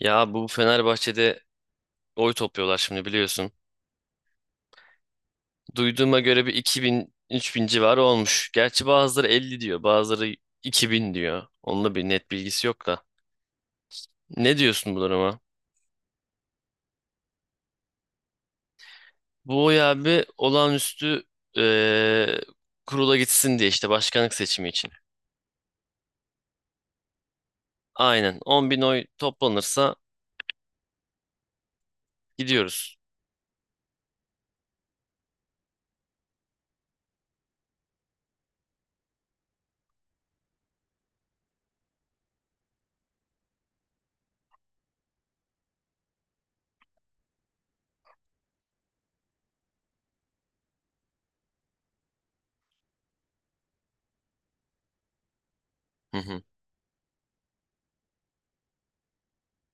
Ya bu Fenerbahçe'de oy topluyorlar şimdi biliyorsun. Duyduğuma göre bir iki bin üç bin civarı olmuş. Gerçi bazıları 50 diyor, bazıları 2000 diyor. Onunla bir net bilgisi yok da. Ne diyorsun bu duruma? Bu oy abi olağanüstü, eee, kurula gitsin diye işte başkanlık seçimi için. Aynen. 10 bin oy toplanırsa gidiyoruz. Hı hı,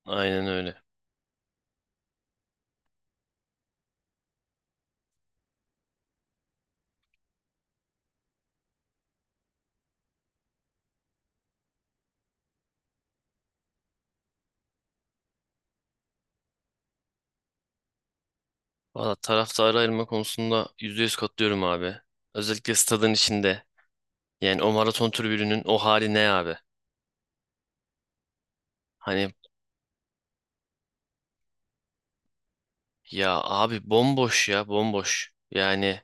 aynen öyle. Valla taraftarı ayırma konusunda %100 katılıyorum abi. Özellikle stadın içinde. Yani o maraton tribününün o hali ne abi? Hani ya abi bomboş ya bomboş. Yani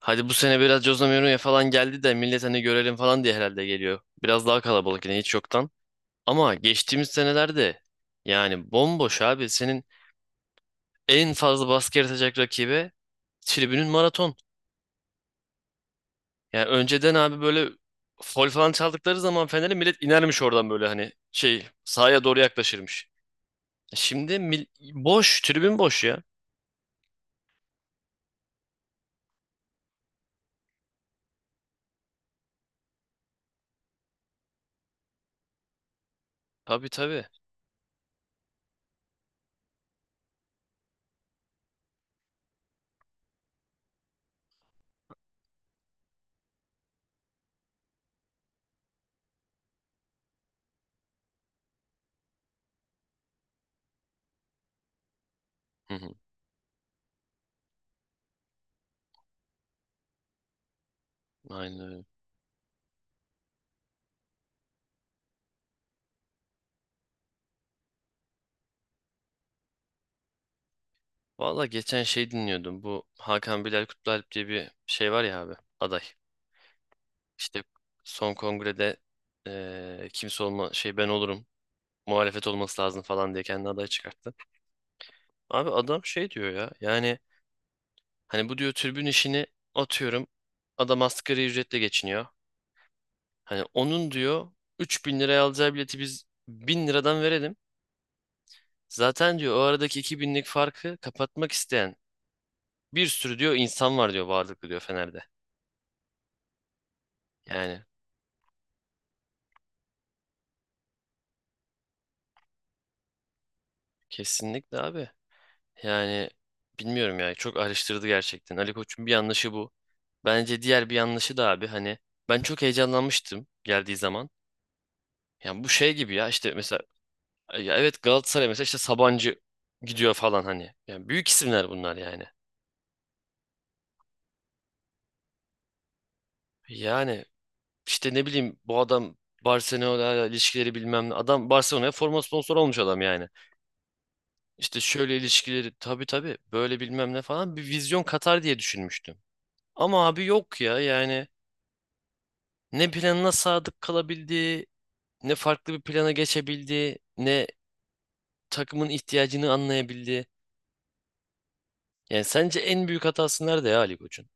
hadi bu sene biraz Jose Mourinho falan geldi de millet hani görelim falan diye herhalde geliyor. Biraz daha kalabalık yine hiç yoktan. Ama geçtiğimiz senelerde yani bomboş abi. Senin en fazla baskı yaratacak rakibe tribünün maraton. Yani önceden abi böyle fol falan çaldıkları zaman Fener'e millet inermiş oradan böyle hani şey sahaya doğru yaklaşırmış. Şimdi boş tribün boş ya. Tabii tabii. Hı hı, aynen öyle. Valla geçen şey dinliyordum. Bu Hakan Bilal Kutlualp diye bir şey var ya abi. Aday. İşte son kongrede kimse olma şey ben olurum. Muhalefet olması lazım falan diye kendi aday çıkarttı. Abi adam şey diyor ya. Yani hani bu diyor tribün işini atıyorum. Adam asgari ücretle geçiniyor. Hani onun diyor 3000 liraya alacağı bileti biz 1000 liradan verelim. Zaten diyor o aradaki 2 binlik farkı kapatmak isteyen bir sürü diyor insan var diyor varlıklı diyor Fener'de. Yani kesinlikle abi. Yani bilmiyorum ya çok araştırdı gerçekten. Ali Koç'un bir yanlışı bu. Bence diğer bir yanlışı da abi hani ben çok heyecanlanmıştım geldiği zaman. Yani bu şey gibi ya işte mesela ya evet Galatasaray mesela işte Sabancı gidiyor falan hani. Yani büyük isimler bunlar yani. Yani işte ne bileyim bu adam Barcelona'yla ilişkileri bilmem ne. Adam Barcelona'ya forma sponsoru olmuş adam yani. İşte şöyle ilişkileri tabii tabii böyle bilmem ne falan bir vizyon katar diye düşünmüştüm. Ama abi yok ya yani ne planına sadık kalabildi, ne farklı bir plana geçebildi, ne takımın ihtiyacını anlayabildi. Yani sence en büyük hatası nerede ya Ali Koç'un?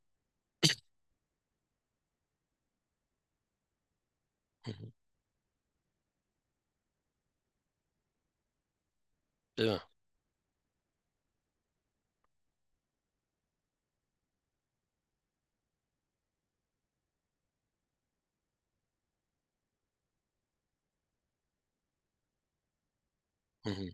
Hı hı, değil mi? Hı hı,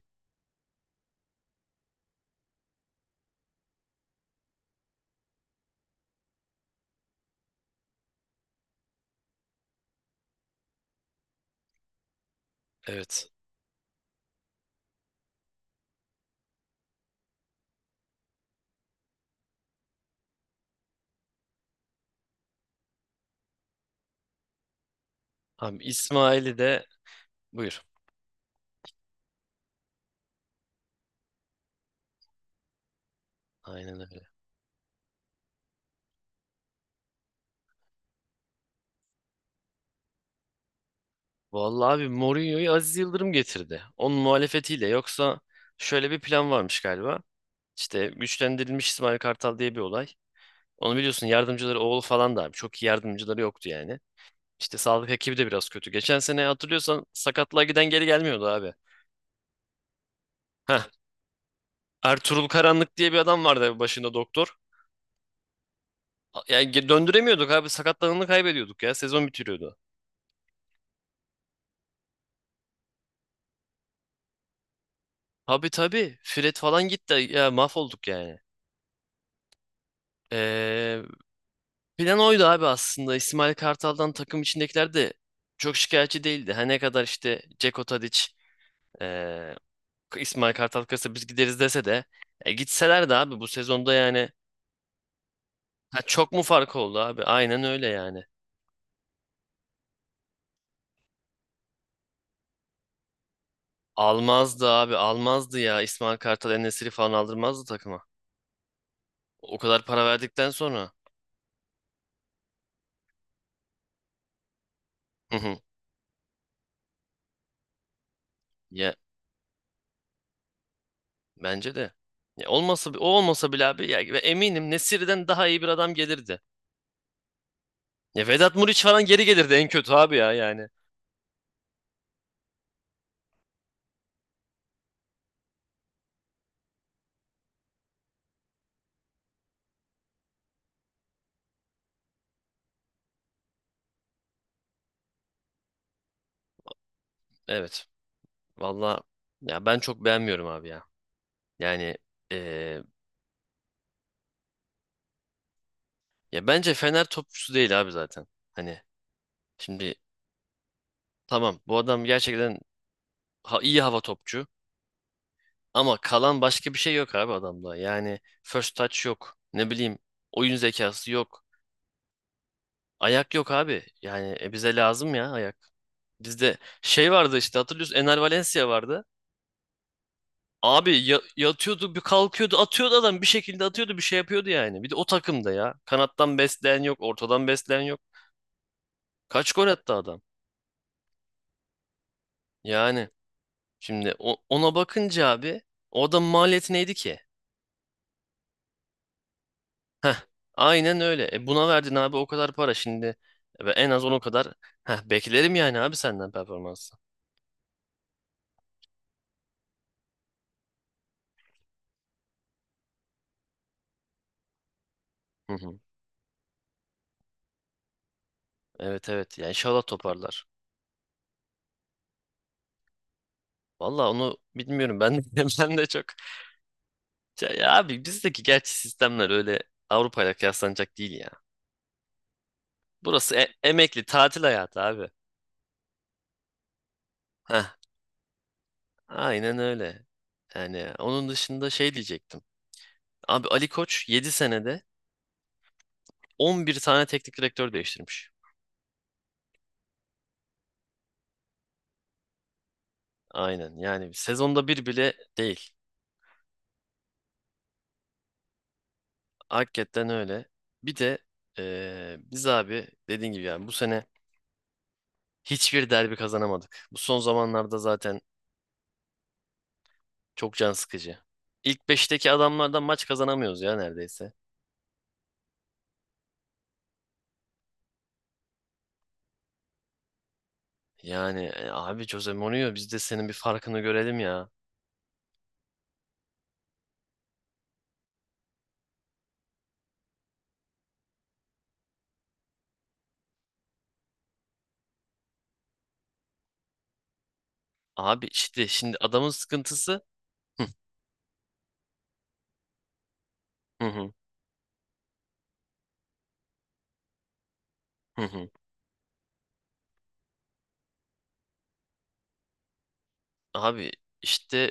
evet. Abi İsmail'i de buyur. Aynen öyle. Vallahi abi Mourinho'yu Aziz Yıldırım getirdi. Onun muhalefetiyle yoksa şöyle bir plan varmış galiba. İşte güçlendirilmiş İsmail Kartal diye bir olay. Onu biliyorsun yardımcıları oğlu falan da abi. Çok iyi yardımcıları yoktu yani. İşte sağlık ekibi de biraz kötü. Geçen sene hatırlıyorsan sakatlığa giden geri gelmiyordu abi. Heh. Ertuğrul Karanlık diye bir adam vardı abi başında doktor. Yani döndüremiyorduk abi sakatlananı kaybediyorduk ya sezon bitiriyordu. Tabii tabii Fred falan gitti ya mahvolduk yani. Ee, plan oydu abi aslında İsmail Kartal'dan takım içindekiler de çok şikayetçi değildi. Her ne kadar işte Ceko Tadic, ee, İsmail Kartal kırsa biz gideriz dese de e, gitseler de abi bu sezonda yani ha, çok mu fark oldu abi? Aynen öyle yani. Almazdı abi almazdı ya. İsmail Kartal, En-Nesyri falan aldırmazdı takıma. O kadar para verdikten sonra. Hı hı. Ya bence de. Ya olmasa o olmasa bile abi ya ve eminim Nesiri'den daha iyi bir adam gelirdi. Ya Vedat Muriç falan geri gelirdi en kötü abi ya yani. Evet. Valla ya ben çok beğenmiyorum abi ya. Yani eee, ya bence Fener topçusu değil abi zaten. Hani şimdi tamam bu adam gerçekten iyi hava topçu. Ama kalan başka bir şey yok abi adamda. Yani first touch yok. Ne bileyim oyun zekası yok. Ayak yok abi. Yani e, bize lazım ya ayak. Bizde şey vardı işte hatırlıyorsun Ener Valencia vardı. Abi yatıyordu bir kalkıyordu atıyordu adam bir şekilde atıyordu bir şey yapıyordu yani. Bir de o takımda ya. Kanattan besleyen yok ortadan besleyen yok. Kaç gol attı adam. Yani şimdi ona bakınca abi o adamın maliyeti neydi ki? Aynen öyle. E buna verdin abi o kadar para şimdi. E ben en az onu kadar heh, beklerim yani abi senden performansı. Hı hı. Evet evet. Yani inşallah toparlar. Valla onu bilmiyorum. Ben de, ben de çok. Ya, ya abi bizdeki gerçi sistemler öyle Avrupa'yla kıyaslanacak değil ya. Burası emekli tatil hayatı abi. Heh, aynen öyle. Yani onun dışında şey diyecektim. Abi Ali Koç 7 senede 11 tane teknik direktör değiştirmiş. Aynen yani sezonda bir bile değil. Hakikaten öyle. Bir de biz abi dediğin gibi yani bu sene hiçbir derbi kazanamadık. Bu son zamanlarda zaten çok can sıkıcı. İlk beşteki adamlardan maç kazanamıyoruz ya neredeyse. Yani e, abi Jose Mourinho biz de senin bir farkını görelim ya. Abi işte şimdi adamın sıkıntısı hı hı, hı hı, hı. Abi işte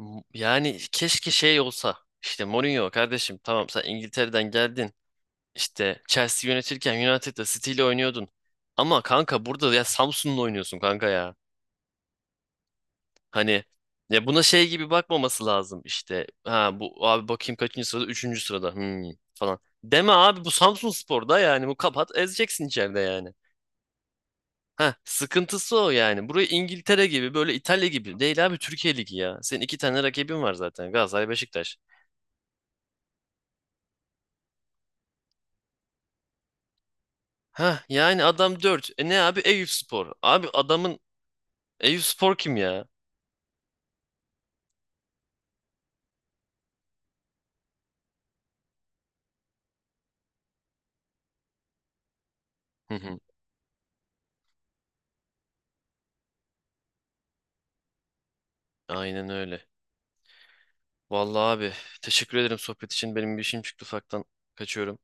yani keşke şey olsa işte Mourinho kardeşim tamam sen İngiltere'den geldin. İşte Chelsea yönetirken United'da City ile oynuyordun. Ama kanka burada ya Samsun'la oynuyorsun kanka ya. Hani ya buna şey gibi bakmaması lazım işte. Ha bu abi bakayım kaçıncı sırada? Üçüncü sırada. Hmm, falan. Deme abi bu Samsunspor'da yani bu kapat ezeceksin içeride yani. Ha sıkıntısı o yani. Burayı İngiltere gibi böyle İtalya gibi değil abi Türkiye Ligi ya. Senin iki tane rakibin var zaten Galatasaray Beşiktaş. Ha yani adam 4 E ne abi Eyüpspor. Abi adamın Eyüpspor kim ya? Hı hı. Aynen öyle. Vallahi abi teşekkür ederim sohbet için. Benim bir işim çıktı ufaktan. Kaçıyorum.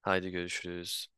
Haydi görüşürüz.